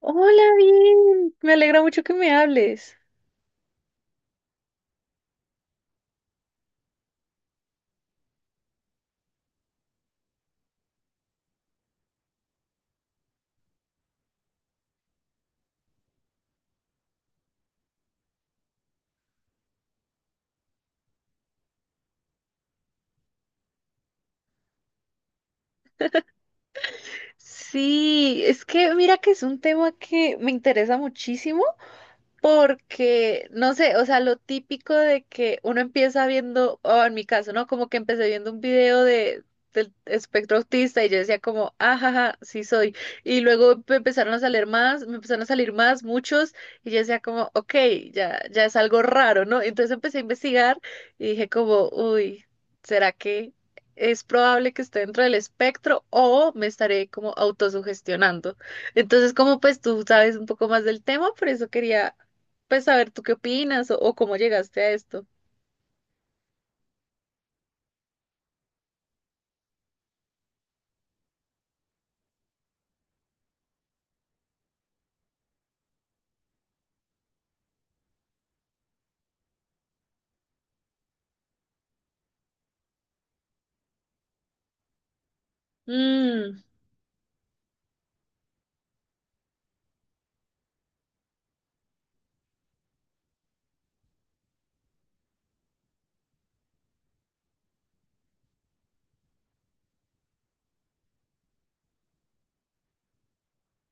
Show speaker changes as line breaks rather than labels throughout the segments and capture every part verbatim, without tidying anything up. Hola, bien. Me alegra mucho que me hables. Sí, es que mira que es un tema que me interesa muchísimo. Porque, no sé, o sea, lo típico de que uno empieza viendo, o en mi caso, ¿no? Como que empecé viendo un video de, del espectro autista y yo decía como, ajaja, sí soy. Y luego me empezaron a salir más, me empezaron a salir más, muchos, y yo decía como, ok, ya, ya es algo raro, ¿no? Entonces empecé a investigar y dije como, uy, ¿será que es probable que esté dentro del espectro o me estaré como autosugestionando? Entonces, como pues tú sabes un poco más del tema, por eso quería pues a ver, ¿tú qué opinas o, o cómo llegaste a esto? Mm,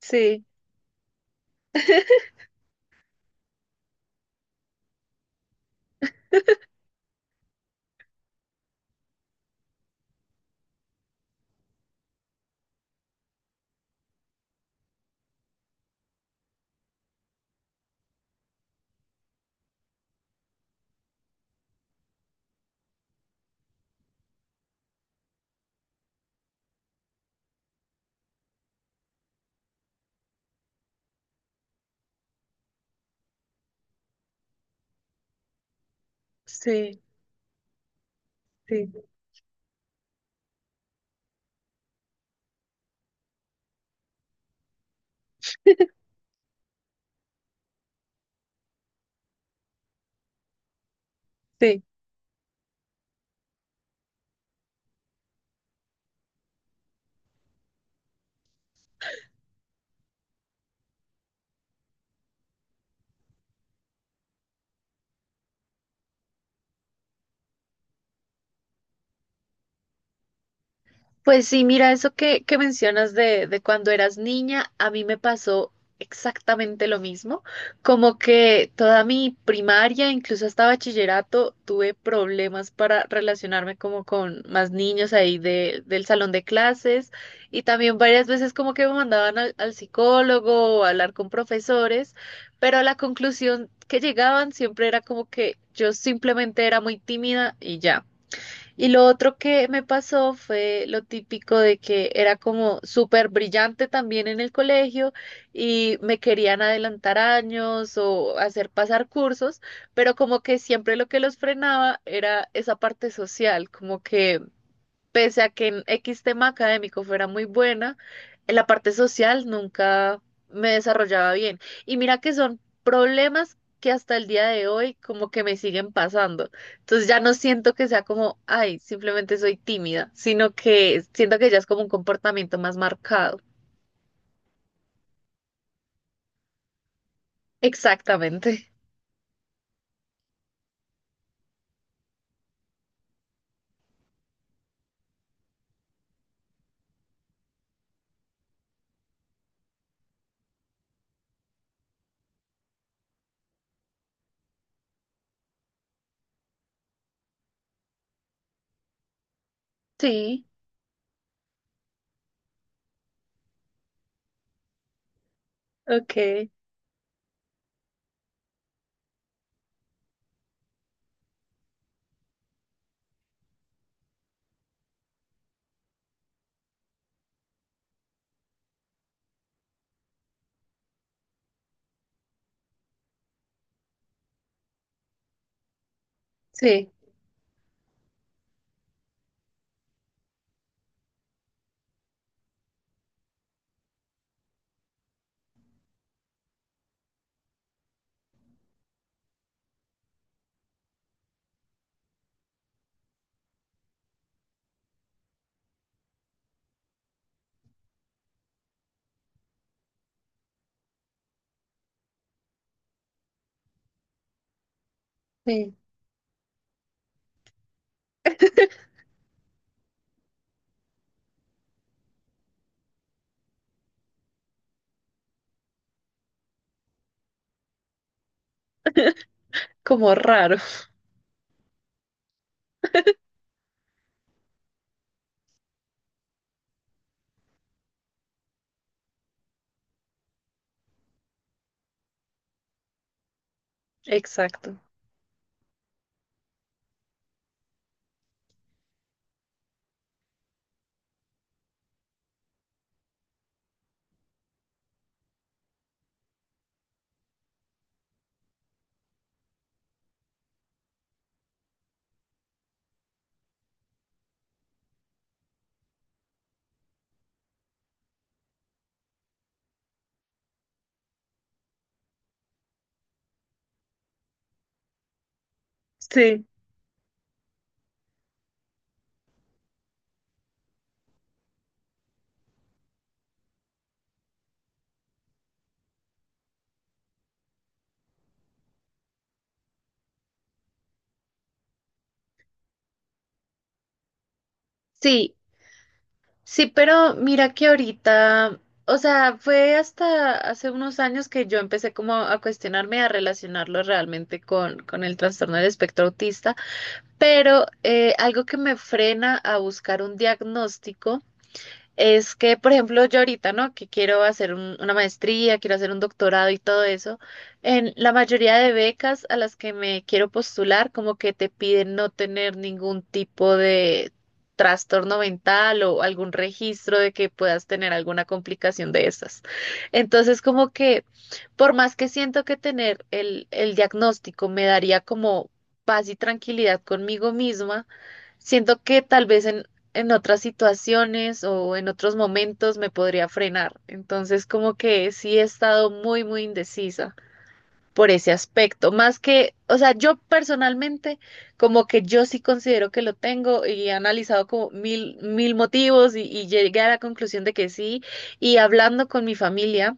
sí, sí, sí, sí. Pues sí, mira, eso que, que mencionas de, de cuando eras niña, a mí me pasó exactamente lo mismo, como que toda mi primaria, incluso hasta bachillerato, tuve problemas para relacionarme como con más niños ahí de, del salón de clases y también varias veces como que me mandaban al, al psicólogo o a hablar con profesores, pero a la conclusión que llegaban siempre era como que yo simplemente era muy tímida y ya. Y lo otro que me pasó fue lo típico de que era como súper brillante también en el colegio y me querían adelantar años o hacer pasar cursos, pero como que siempre lo que los frenaba era esa parte social, como que pese a que en X tema académico fuera muy buena, en la parte social nunca me desarrollaba bien. Y mira que son problemas que hasta el día de hoy como que me siguen pasando. Entonces ya no siento que sea como, ay, simplemente soy tímida, sino que siento que ya es como un comportamiento más marcado. Exactamente. Sí, ok, sí, sí. Como raro. Exacto. Sí. Sí, sí, pero mira que ahorita, o sea, fue hasta hace unos años que yo empecé como a cuestionarme, a relacionarlo realmente con, con el trastorno del espectro autista, pero eh, algo que me frena a buscar un diagnóstico es que, por ejemplo, yo ahorita, ¿no? Que quiero hacer un- una maestría, quiero hacer un doctorado y todo eso. En la mayoría de becas a las que me quiero postular, como que te piden no tener ningún tipo de trastorno mental o algún registro de que puedas tener alguna complicación de esas. Entonces, como que, por más que siento que tener el, el diagnóstico me daría como paz y tranquilidad conmigo misma. Siento que tal vez en, en otras situaciones o en otros momentos me podría frenar. Entonces, como que sí he estado muy, muy indecisa por ese aspecto. Más que, o sea, yo personalmente, como que yo sí considero que lo tengo y he analizado como mil, mil motivos y, y llegué a la conclusión de que sí. Y hablando con mi familia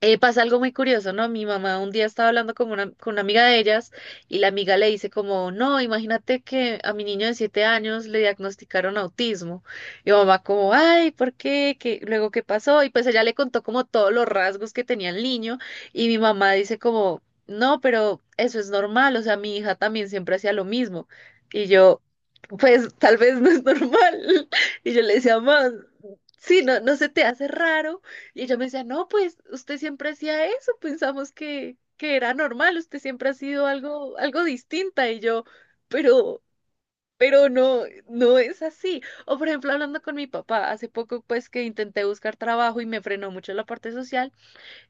eh, pasa algo muy curioso, ¿no? Mi mamá un día estaba hablando con una, con una amiga de ellas y la amiga le dice como, no, imagínate que a mi niño de siete años le diagnosticaron autismo. Y mamá como, ay, ¿por qué? ¿Qué? Luego, ¿qué pasó? Y pues ella le contó como todos los rasgos que tenía el niño y mi mamá dice como, no, pero eso es normal, o sea, mi hija también siempre hacía lo mismo. Y yo, pues tal vez no es normal. Y yo le decía, mamá, sí, no, no se te hace raro. Y ella me decía, no, pues usted siempre hacía eso, pensamos que, que era normal, usted siempre ha sido algo, algo distinta. Y yo, pero, pero no, no es así. O por ejemplo, hablando con mi papá, hace poco pues que intenté buscar trabajo y me frenó mucho la parte social,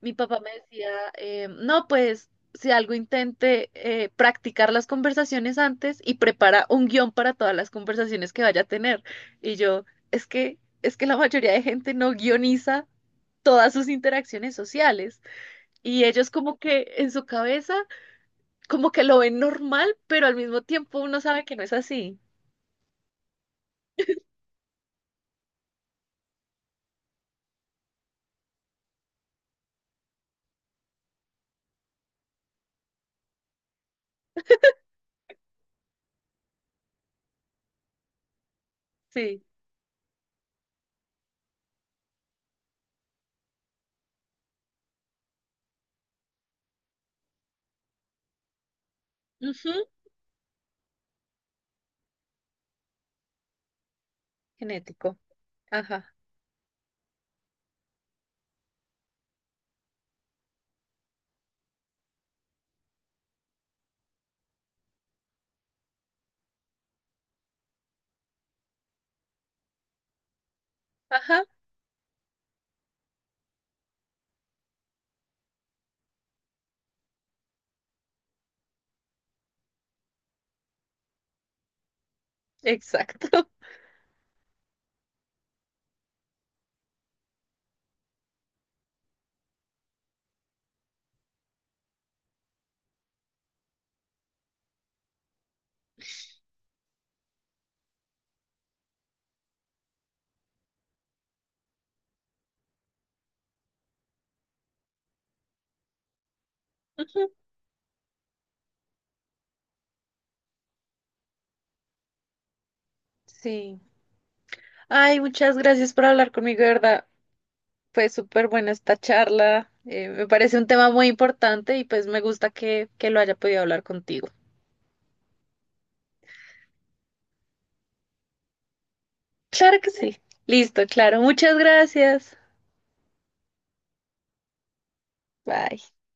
mi papá me decía, eh, no, pues si algo intente eh, practicar las conversaciones antes y prepara un guión para todas las conversaciones que vaya a tener. Y yo, es que, es que la mayoría de gente no guioniza todas sus interacciones sociales. Y ellos como que en su cabeza, como que lo ven normal, pero al mismo tiempo uno sabe que no es así. Sí. Ujú. Genético. Ajá. Ajá. Exacto. Ujú. Sí. Ay, muchas gracias por hablar conmigo, de verdad. Fue súper buena esta charla. Eh, me parece un tema muy importante y pues me gusta que, que lo haya podido hablar contigo. Claro que sí. Listo, claro. Muchas gracias. Bye.